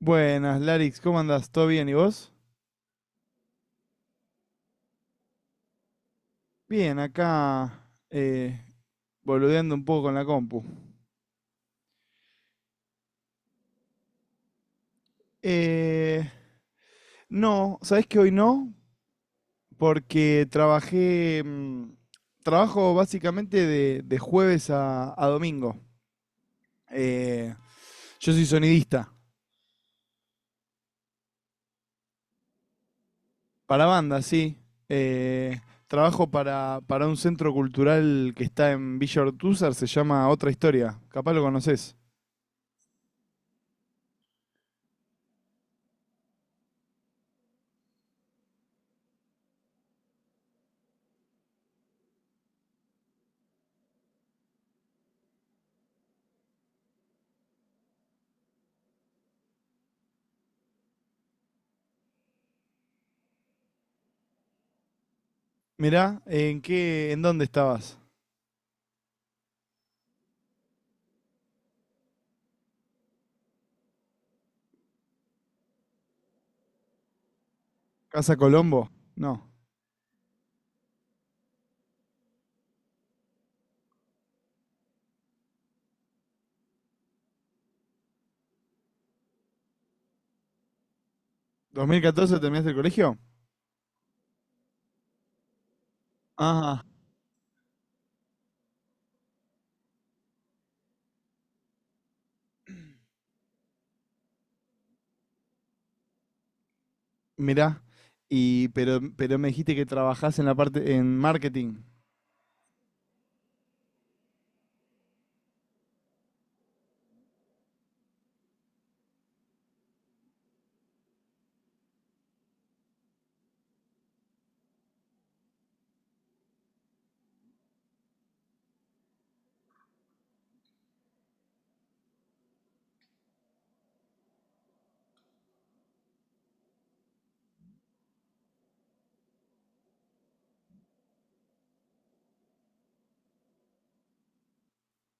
Buenas, Larix, ¿cómo andás? ¿Todo bien? ¿Y vos? Bien, acá boludeando un poco con la compu. Eh, no, ¿sabés que hoy no? Porque trabajé, trabajo básicamente de jueves a domingo. Eh, yo soy sonidista, para banda, sí. Eh, Trabajo para un centro cultural que está en Villa Ortúzar, se llama Otra Historia, capaz lo conoces. Mirá, ¿en dónde estabas? ¿Casa Colombo? No. ¿2014 terminaste el colegio? Ajá, mirá. Y pero me dijiste que trabajás en la parte en marketing.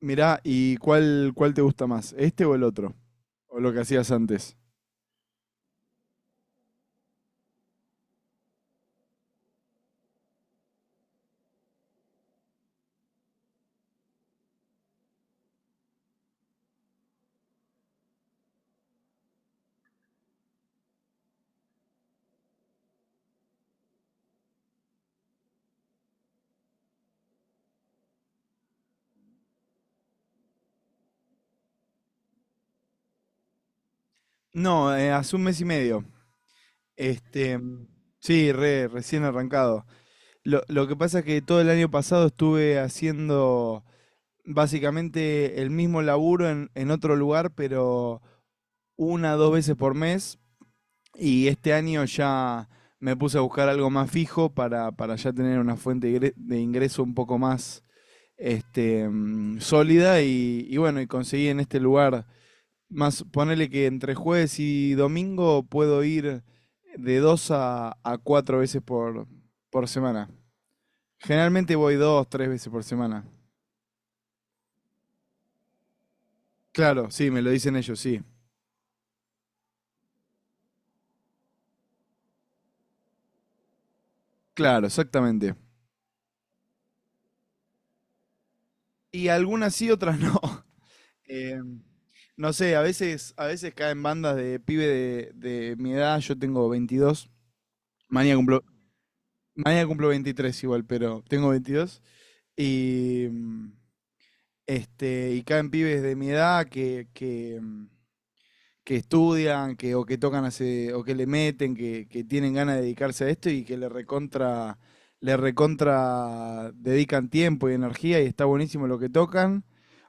Mirá, ¿y cuál te gusta más? ¿Este o el otro? ¿O lo que hacías antes? No, hace un mes y medio. Este, sí, recién arrancado. Lo que pasa es que todo el año pasado estuve haciendo básicamente el mismo laburo en otro lugar, pero una, dos veces por mes. Y este año ya me puse a buscar algo más fijo para ya tener una fuente de de ingreso un poco más este, sólida. Y bueno, y conseguí en este lugar, más ponele que entre jueves y domingo puedo ir de dos a cuatro veces por semana. Generalmente voy dos, tres veces por semana. Claro, sí, me lo dicen ellos, sí. Claro, exactamente. Y algunas sí, otras no. Eh, no sé, a veces caen bandas de de mi edad. Yo tengo veintidós, mañana cumplo 23 igual, pero tengo 22 y, y caen pibes de mi edad que estudian, que, o que tocan hace, o que le meten, que tienen ganas de dedicarse a esto y que le le recontra dedican tiempo y energía y está buenísimo lo que tocan,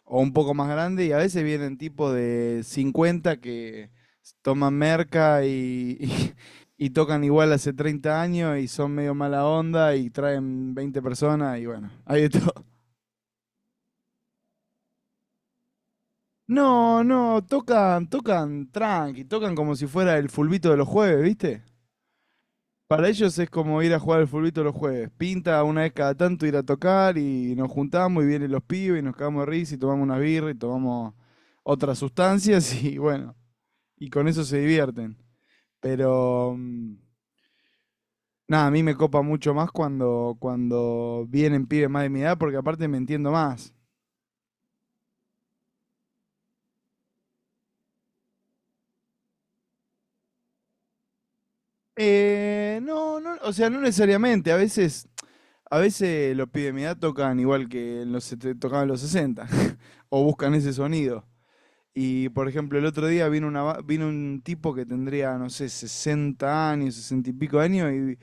o un poco más grande, y a veces vienen tipos de 50 que toman merca y tocan igual hace 30 años y son medio mala onda y traen 20 personas y bueno, hay de todo. No, no, tocan, tocan tranqui, tocan como si fuera el fulbito de los jueves, ¿viste? Para ellos es como ir a jugar al fulbito los jueves. Pinta una vez cada tanto ir a tocar y nos juntamos y vienen los pibes y nos cagamos de risa y tomamos unas birras y tomamos otras sustancias y bueno, y con eso se divierten. Pero nada, a mí me copa mucho más cuando vienen pibes más de mi edad porque aparte me entiendo más. No, no, o sea, no necesariamente. A veces los pibes de mi edad tocan igual que en tocaban en los 60 o buscan ese sonido. Y por ejemplo, el otro día vino un tipo que tendría, no sé, 60 años, 60 y pico años,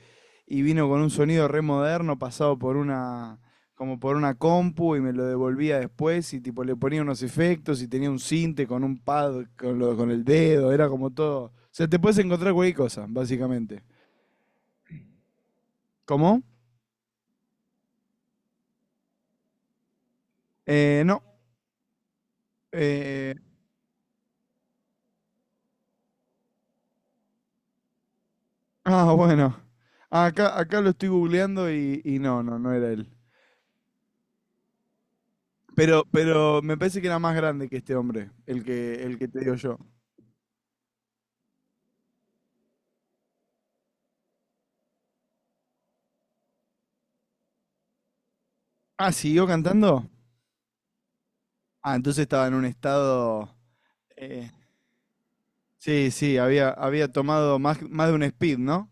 y vino con un sonido re moderno pasado por como por una compu, y me lo devolvía después, y tipo le ponía unos efectos, y tenía un sinte con un pad con, con el dedo, era como todo. O sea, te puedes encontrar cualquier cosa, básicamente. ¿Cómo? No. eh, ah, bueno. Acá lo estoy googleando y no, no, no era él. Pero me parece que era más grande que este hombre, el el que te digo yo. Ah, ¿siguió cantando? Ah, entonces estaba en un estado. eh, sí, sí, había tomado más de un speed, ¿no?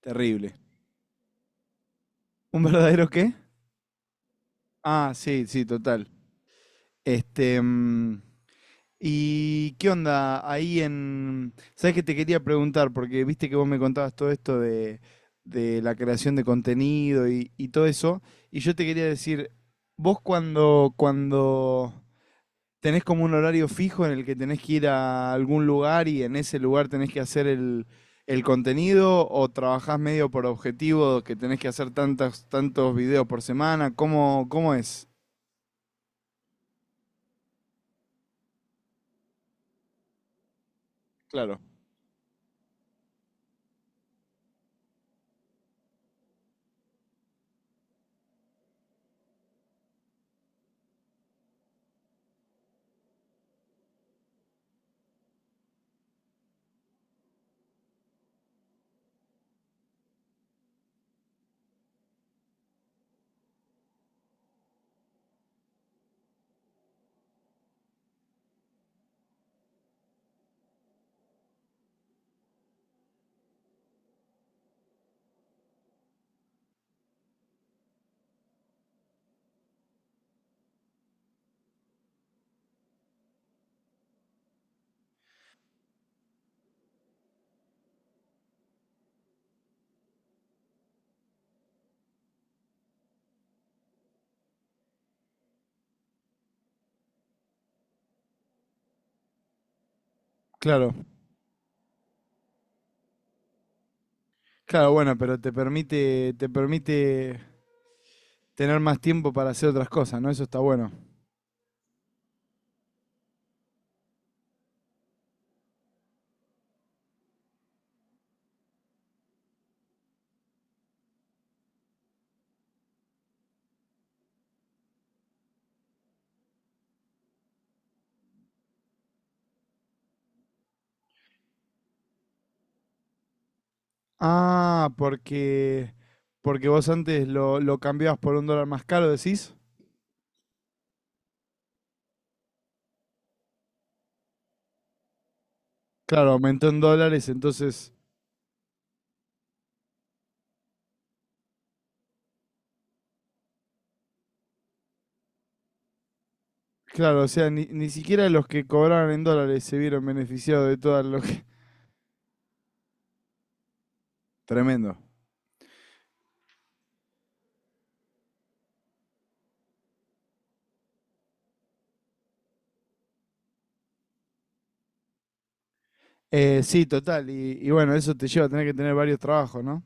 Terrible. ¿Un verdadero qué? Ah, sí, sí, total. Este. mm, ¿Y qué onda ahí en. ¿Sabes que te quería preguntar? Porque viste que vos me contabas todo esto de la creación de contenido y todo eso. Y yo te quería decir, vos cuando tenés como un horario fijo en el que tenés que ir a algún lugar y en ese lugar tenés que hacer el contenido o trabajás medio por objetivo que tenés que hacer tantos videos por semana. ¿Cómo, cómo es? Claro. Claro, claro, bueno, pero te permite tener más tiempo para hacer otras cosas, ¿no? Eso está bueno. Ah, porque, porque vos antes lo cambiabas por un dólar más caro, decís. Claro, aumentó en dólares, entonces claro, o sea, ni siquiera los que cobraban en dólares se vieron beneficiados de todo lo que... Tremendo. Sí, total. Y bueno, eso te lleva a tener que tener varios trabajos, ¿no?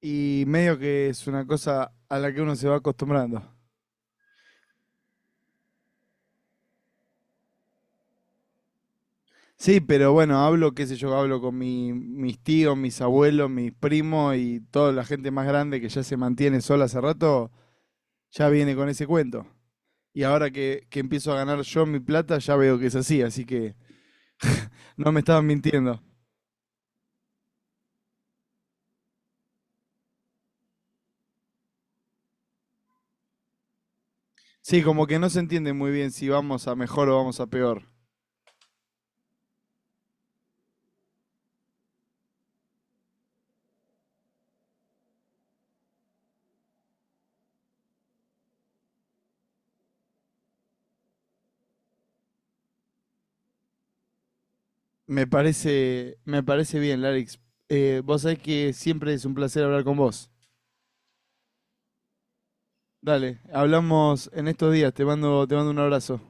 Y medio que es una cosa a la que uno se va acostumbrando. Sí, pero bueno, hablo, qué sé yo, hablo con mis tíos, mis abuelos, mis primos y toda la gente más grande que ya se mantiene sola hace rato, ya viene con ese cuento. Y ahora que empiezo a ganar yo mi plata, ya veo que es así, así que no me estaban mintiendo. Sí, como que no se entiende muy bien si vamos a mejor o vamos a peor. Me parece bien, Larix. Vos sabés que siempre es un placer hablar con vos. Dale, hablamos en estos días. Te mando un abrazo.